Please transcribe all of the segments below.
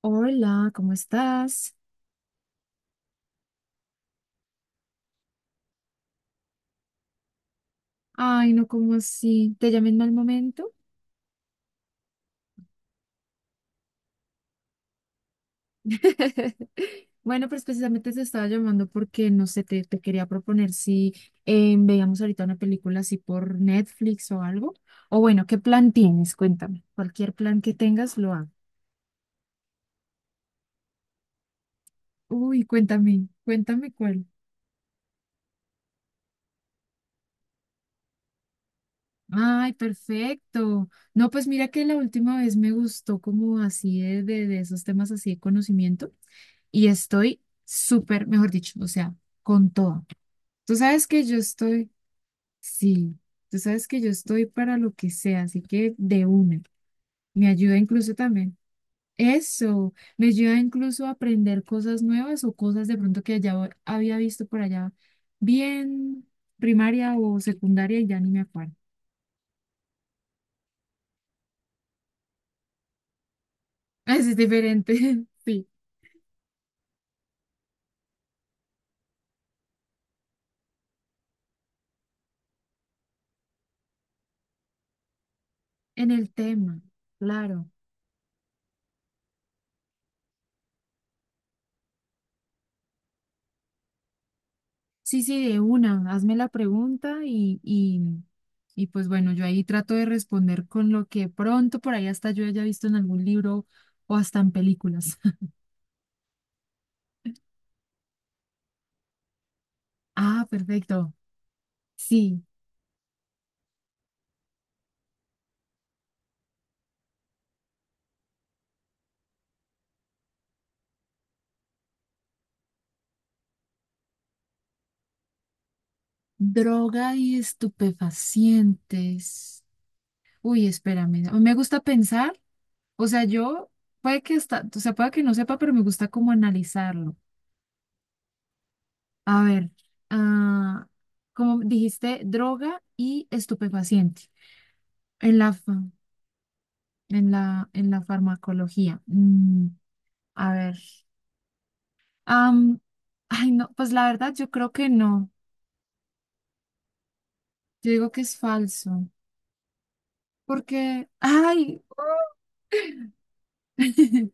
Hola, ¿cómo estás? Ay, no, ¿cómo así? ¿Te llamé en mal momento? Bueno, pues precisamente te estaba llamando porque, no sé, te quería proponer si veíamos ahorita una película así por Netflix o algo. O bueno, ¿qué plan tienes? Cuéntame. Cualquier plan que tengas, lo hago. Uy, cuéntame, cuéntame cuál. Ay, perfecto. No, pues mira que la última vez me gustó como así de esos temas así de conocimiento, y estoy súper, mejor dicho, o sea, con todo. Tú sabes que yo estoy, sí, tú sabes que yo estoy para lo que sea, así que de una. Me ayuda incluso también. Eso, me ayuda incluso a aprender cosas nuevas o cosas de pronto que ya había visto por allá, bien primaria o secundaria y ya ni me acuerdo. Es diferente, sí, en el tema, claro. Sí, sí, de una, hazme la pregunta, y pues bueno, yo ahí trato de responder con lo que pronto por ahí hasta yo haya visto en algún libro o hasta en películas. Ah, perfecto. Sí, droga y estupefacientes. Uy, espérame, a mí me gusta pensar, o sea, yo puede que hasta, o sea, puede que no sepa, pero me gusta como analizarlo. A ver, ah, como dijiste, droga y estupefaciente. El AFA en la farmacología. Mm, a ver. Am, ay, no, pues la verdad yo creo que no. Yo digo que es falso. Porque, ay.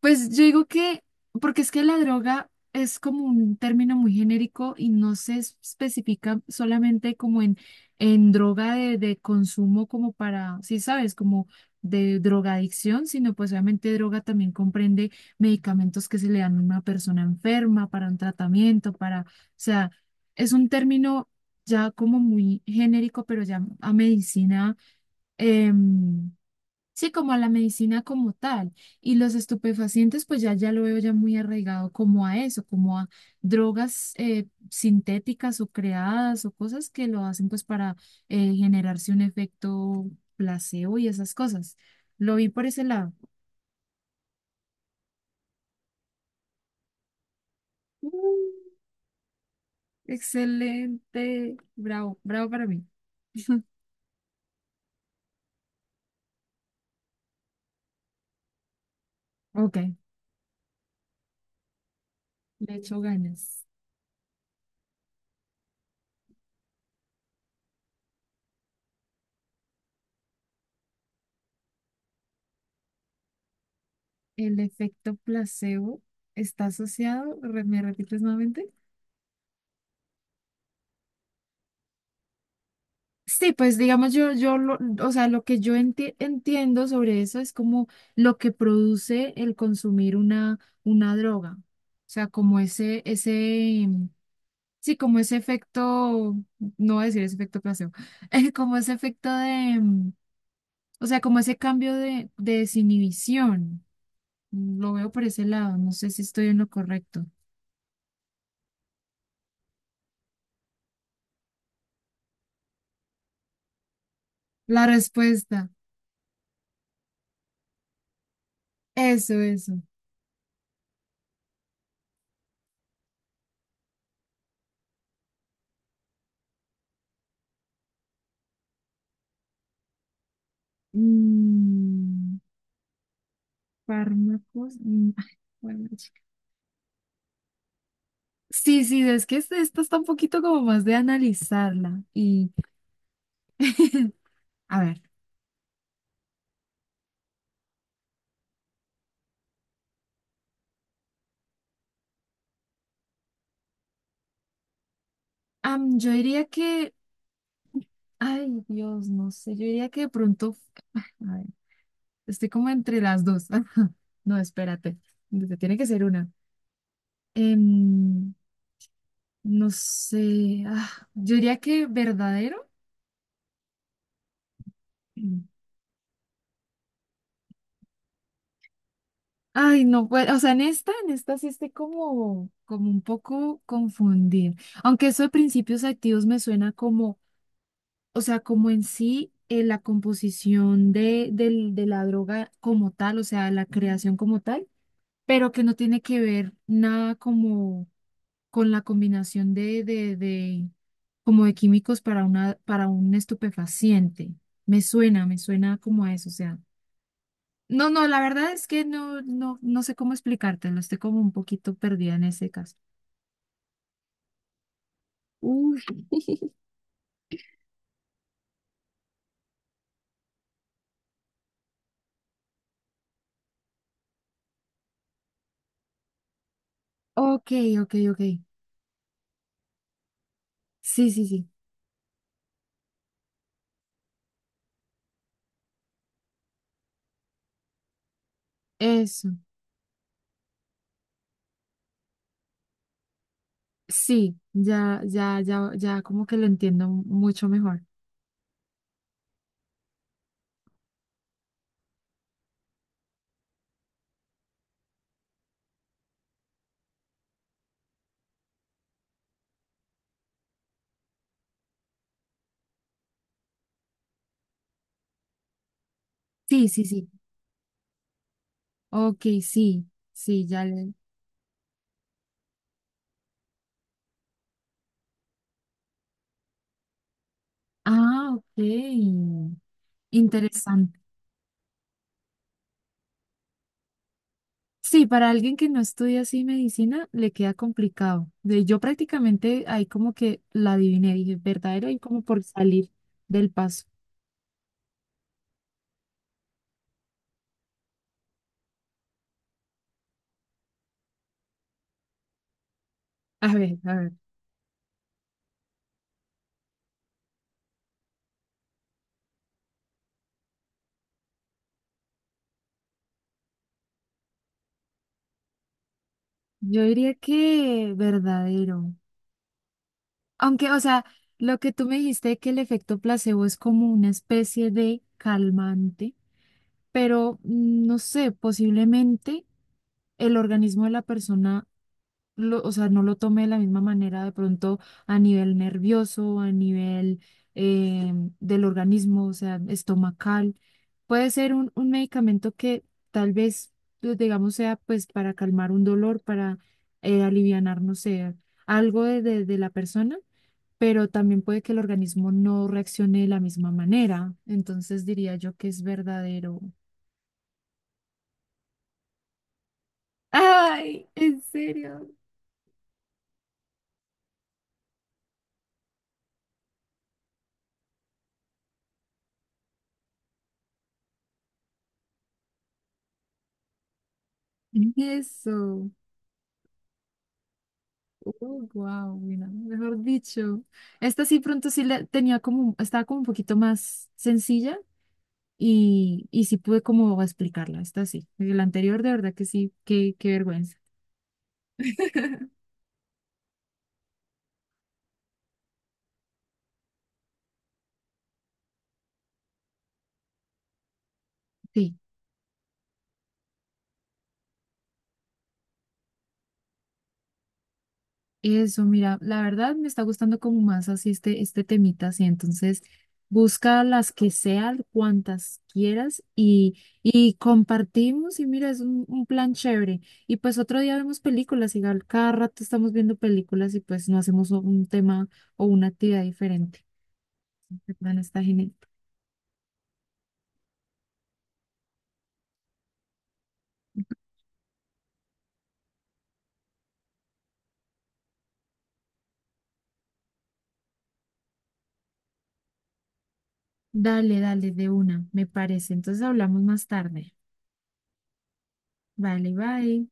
Pues yo digo que, porque es que la droga es como un término muy genérico y no se especifica solamente como en droga de consumo como para, sí sabes, como de drogadicción, sino pues obviamente droga también comprende medicamentos que se le dan a una persona enferma para un tratamiento, para, o sea, es un término ya como muy genérico, pero ya a medicina. em, Sí, como a la medicina como tal. Y los estupefacientes, pues ya, ya lo veo ya muy arraigado como a eso, como a drogas sintéticas o creadas o cosas que lo hacen pues para generarse un efecto placebo y esas cosas. Lo vi por ese lado. Mm, excelente. Bravo, bravo para mí. Ok, le echo ganas. El efecto placebo está asociado, ¿me repites nuevamente? Sí, pues digamos yo, yo lo, o sea, lo que yo entiendo sobre eso es como lo que produce el consumir una droga. O sea, como ese, sí, como ese efecto, no voy a decir ese efecto placebo, como ese efecto de, o sea, como ese cambio de desinhibición. Lo veo por ese lado, no sé si estoy en lo correcto. La respuesta, eso, eso. Mm, fármacos. Bueno. Sí, sí, es que esta está un poquito como más de analizarla. Y a ver, yo diría que, ay Dios, no sé, yo diría que de pronto, a ver, estoy como entre las dos. No, espérate, te tiene que ser una. Em, no sé, yo diría que verdadero. Mm. Ay, no, pues, o sea, en esta sí estoy como, como un poco confundida. Aunque eso de principios activos me suena, o sea, como en sí, la composición de, de la droga como tal, o sea, la creación como tal, pero que no tiene que ver nada como con la combinación de, como de químicos para una, para un estupefaciente. Me suena como a eso, o sea. No, no, la verdad es que no, no, no sé cómo explicártelo, estoy como un poquito perdida en ese caso. Uy, ok, ok, ok. Sí, sí, sí. Eso. Sí, ya, ya, ya, ya como que lo entiendo mucho mejor. Sí, sí, sí. Ok, sí, sí, ya le. Ah, ok. Interesante. Sí, para alguien que no estudia así medicina, le queda complicado. De- Yo prácticamente ahí como que la adiviné, dije, verdadero y como por salir del paso. A ver, a ver. Yo diría que verdadero. Aunque, o sea, lo que tú me dijiste que el efecto placebo es como una especie de calmante, pero no sé, posiblemente el organismo de la persona, o sea, no lo tome de la misma manera de pronto a nivel nervioso, a nivel eh, del organismo, o sea, estomacal. Puede ser un medicamento que tal vez, pues, digamos, sea pues para calmar un dolor, para alivianar, no sé, algo de, de la persona, pero también puede que el organismo no reaccione de la misma manera. Entonces diría yo que es verdadero. Ay, en serio. Eso. Oh, wow, mira, mejor dicho. Esta sí pronto sí la tenía como, estaba como un poquito más sencilla y sí pude como explicarla. Esta sí. La anterior de verdad que sí, qué, qué vergüenza. Sí. Eso, mira, la verdad me está gustando como más así este, este temita, así entonces busca las que sean, cuantas quieras y compartimos y mira, es un plan chévere. Y pues otro día vemos películas, y cada rato estamos viendo películas y pues no hacemos un tema o una actividad diferente. El plan está genial. Dale, dale, de una, me parece. Entonces hablamos más tarde. Vale, bye.